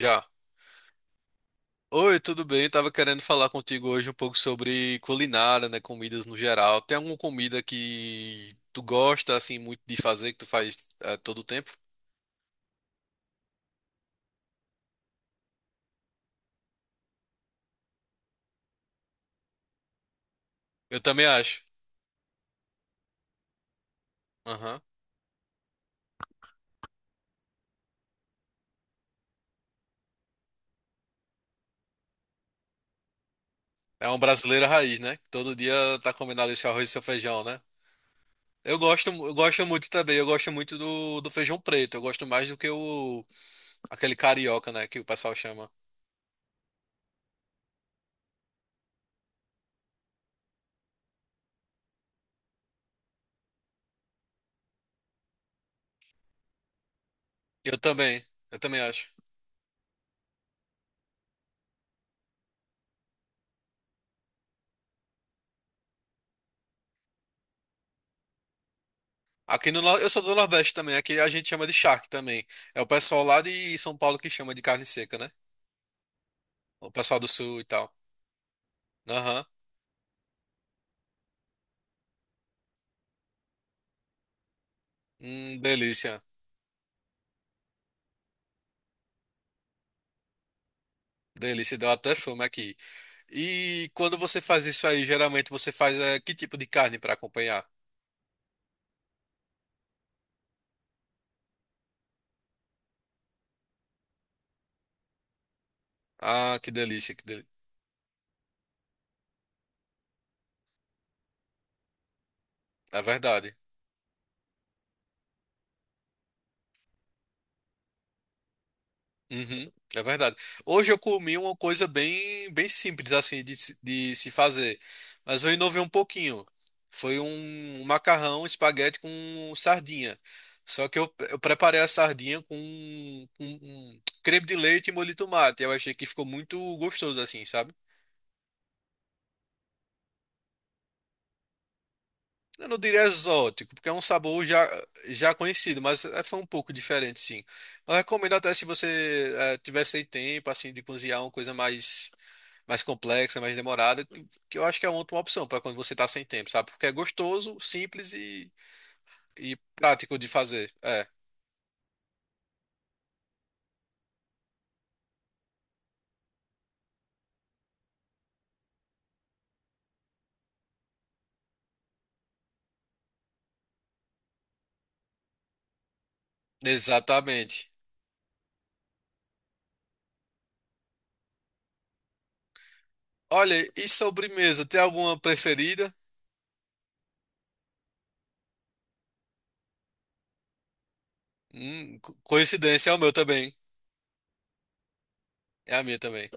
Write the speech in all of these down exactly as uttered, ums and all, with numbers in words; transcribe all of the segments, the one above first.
Já. Oi, tudo bem? Tava querendo falar contigo hoje um pouco sobre culinária, né? Comidas no geral. Tem alguma comida que tu gosta, assim, muito de fazer, que tu faz eh, todo o tempo? Eu também acho. Aham. É uma brasileira raiz, né? Todo dia tá combinado esse arroz e seu feijão, né? Eu gosto, mu- eu gosto muito também. Eu gosto muito do, do feijão preto. Eu gosto mais do que o, aquele carioca, né? Que o pessoal chama. Eu também. Eu também acho. Aqui no, Nor- eu sou do Nordeste também, aqui a gente chama de charque também. É o pessoal lá de São Paulo que chama de carne seca, né? O pessoal do Sul e tal. Aham. Hum, delícia. Delícia, deu até fome aqui. E quando você faz isso aí, geralmente você faz eh, que tipo de carne para acompanhar? Ah, que delícia, que delícia. É verdade. Uhum, é verdade. Hoje eu comi uma coisa bem, bem simples assim de, se- de se fazer, mas eu inovei um pouquinho. Foi um macarrão espaguete com sardinha. Só que eu, eu preparei a sardinha com, com um creme de leite e molho de tomate. Eu achei que ficou muito gostoso assim, sabe? Eu não diria exótico, porque é um sabor já, já conhecido, mas eh, foi um pouco diferente, sim. Eu recomendo até se você eh, tiver sem tempo assim de cozinhar uma coisa mais mais complexa, mais demorada, que que eu acho que é uma ótima opção para quando você tá sem tempo, sabe? Porque é gostoso, simples e, e prático de fazer. É, exatamente. Olha, e sobremesa, tem alguma preferida? Hum, co- coincidência, é o meu também. É a minha também.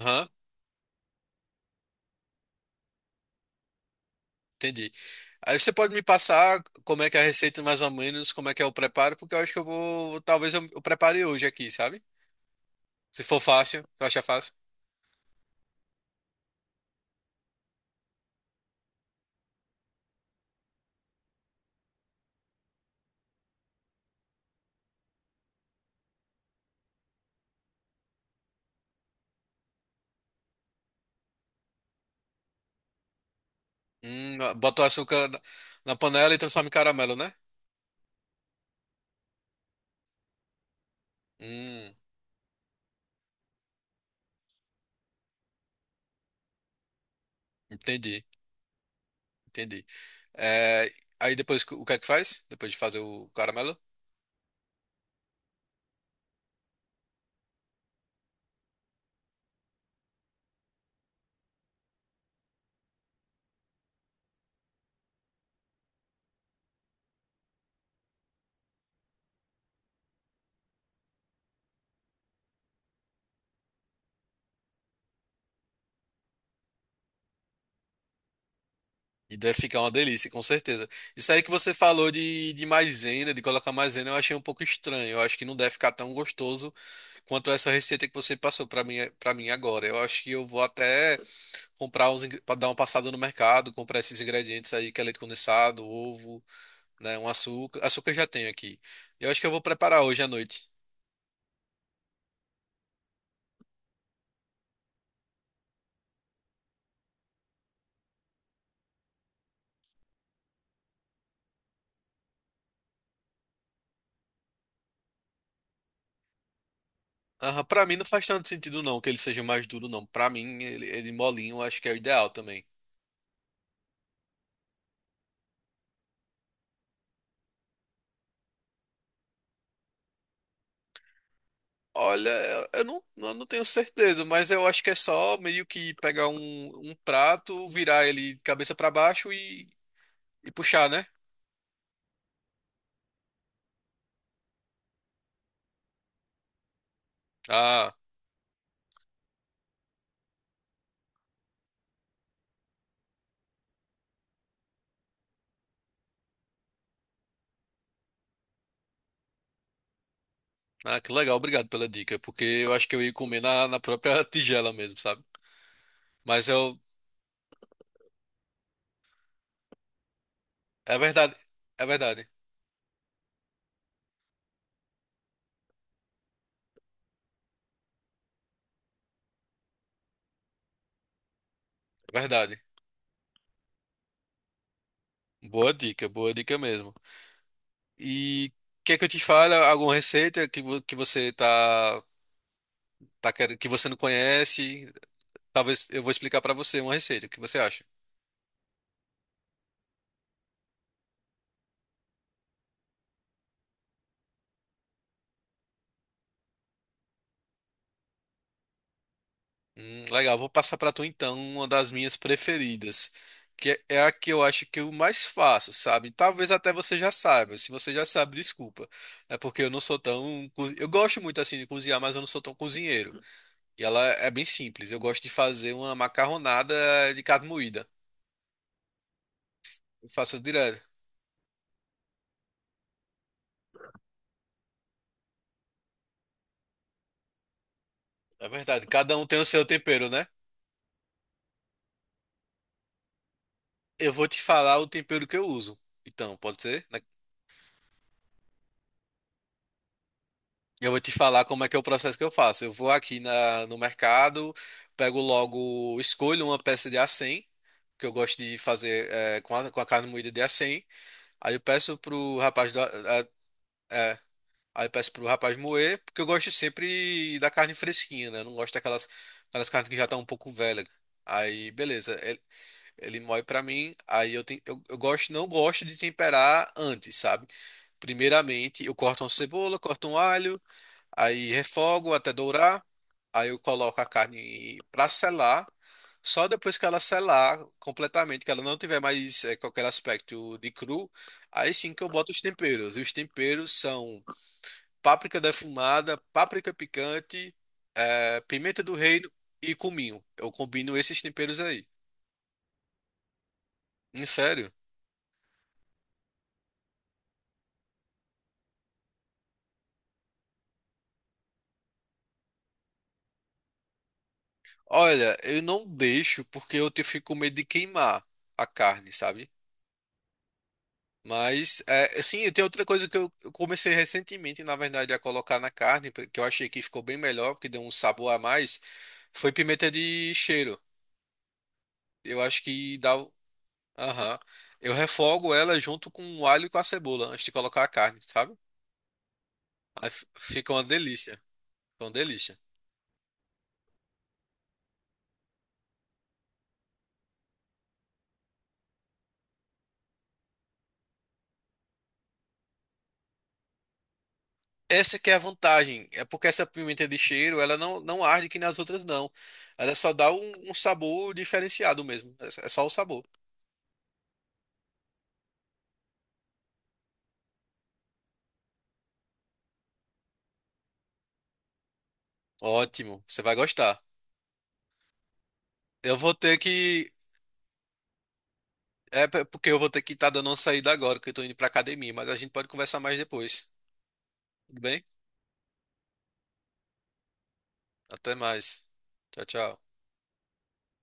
Aham, entendi. Aí você pode me passar como é que é a receita mais ou menos, como é que é o preparo, porque eu acho que eu vou, talvez eu, eu prepare hoje aqui, sabe? Se for fácil, eu acho fácil. Hum, bota o açúcar na, na panela e transforma em caramelo, né? Hum. Entendi, entendi. É, aí depois o que é que faz? Depois de fazer o caramelo? E deve ficar uma delícia, com certeza. Isso aí que você falou de, de maisena, de colocar maisena, eu achei um pouco estranho. Eu acho que não deve ficar tão gostoso quanto essa receita que você passou para mim, para mim agora. Eu acho que eu vou até comprar uns, para dar uma passada no mercado, comprar esses ingredientes aí, que é leite condensado, ovo, né, um açúcar. Açúcar eu já tenho aqui. Eu acho que eu vou preparar hoje à noite. Aham, pra mim não faz tanto sentido não que ele seja mais duro não. Pra mim ele, ele molinho eu acho que é o ideal também. Olha, eu não, eu não tenho certeza, mas eu acho que é só meio que pegar um, um prato, virar ele cabeça pra baixo e, e puxar, né? Ah, ah, que legal, obrigado pela dica, porque eu acho que eu ia comer na, na própria tigela mesmo, sabe? Mas eu, é verdade, é verdade, é verdade. Boa dica, boa dica mesmo. E quer que eu te fale alguma receita que, vo- que você tá tá quer- que você não conhece, talvez eu vou explicar pra você uma receita. O que você acha? Hum, legal, vou passar pra tu então uma das minhas preferidas, que é é a que eu acho que eu mais faço, sabe? Talvez até você já saiba. Se você já sabe, desculpa. É porque eu não sou tão, co- eu gosto muito assim de cozinhar, mas eu não sou tão cozinheiro. E ela é bem simples. Eu gosto de fazer uma macarronada de carne moída. Eu faço direto. É verdade, cada um tem o seu tempero, né? Eu vou te falar o tempero que eu uso. Então, pode ser? Eu vou te falar como é que é o processo que eu faço. Eu vou aqui na, no mercado, pego logo, escolho uma peça de acém, que eu gosto de fazer é, com a, com a carne moída de acém. Aí eu peço pro rapaz do, é, é, aí eu peço pro rapaz moer, porque eu gosto sempre da carne fresquinha, né? Eu não gosto daquelas aquelas carnes que já estão um pouco velha. Aí, beleza, ele, ele moe pra mim, aí eu, ten- eu, eu gosto, não gosto de temperar antes, sabe? Primeiramente, eu corto uma cebola, corto um alho, aí refogo até dourar. Aí eu coloco a carne para selar. Só depois que ela selar completamente, que ela não tiver mais eh, qualquer aspecto de cru, aí sim que eu boto os temperos. E os temperos são páprica defumada, páprica picante, eh, pimenta do reino e cominho. Eu combino esses temperos aí. Em sério? Olha, eu não deixo porque eu te- fico com medo de queimar a carne, sabe? Mas, é, assim, tem outra coisa que eu eu comecei recentemente, na verdade, a colocar na carne, que eu achei que ficou bem melhor, porque deu um sabor a mais, foi pimenta de cheiro. Eu acho que dá. O- Aham. Eu refogo ela junto com o alho e com a cebola, antes de colocar a carne, sabe? Aí f- fica uma delícia. Fica uma delícia. Essa que é a vantagem, é porque essa pimenta de cheiro, ela não, não arde que nas outras não. Ela só dá um, um sabor diferenciado mesmo. É só é só o sabor. Ótimo, você vai gostar. Eu vou ter que. É p- porque eu vou ter que estar dando uma saída agora, que eu tô indo pra academia, mas a gente pode conversar mais depois. Tudo bem? Até mais. Tchau, tchau.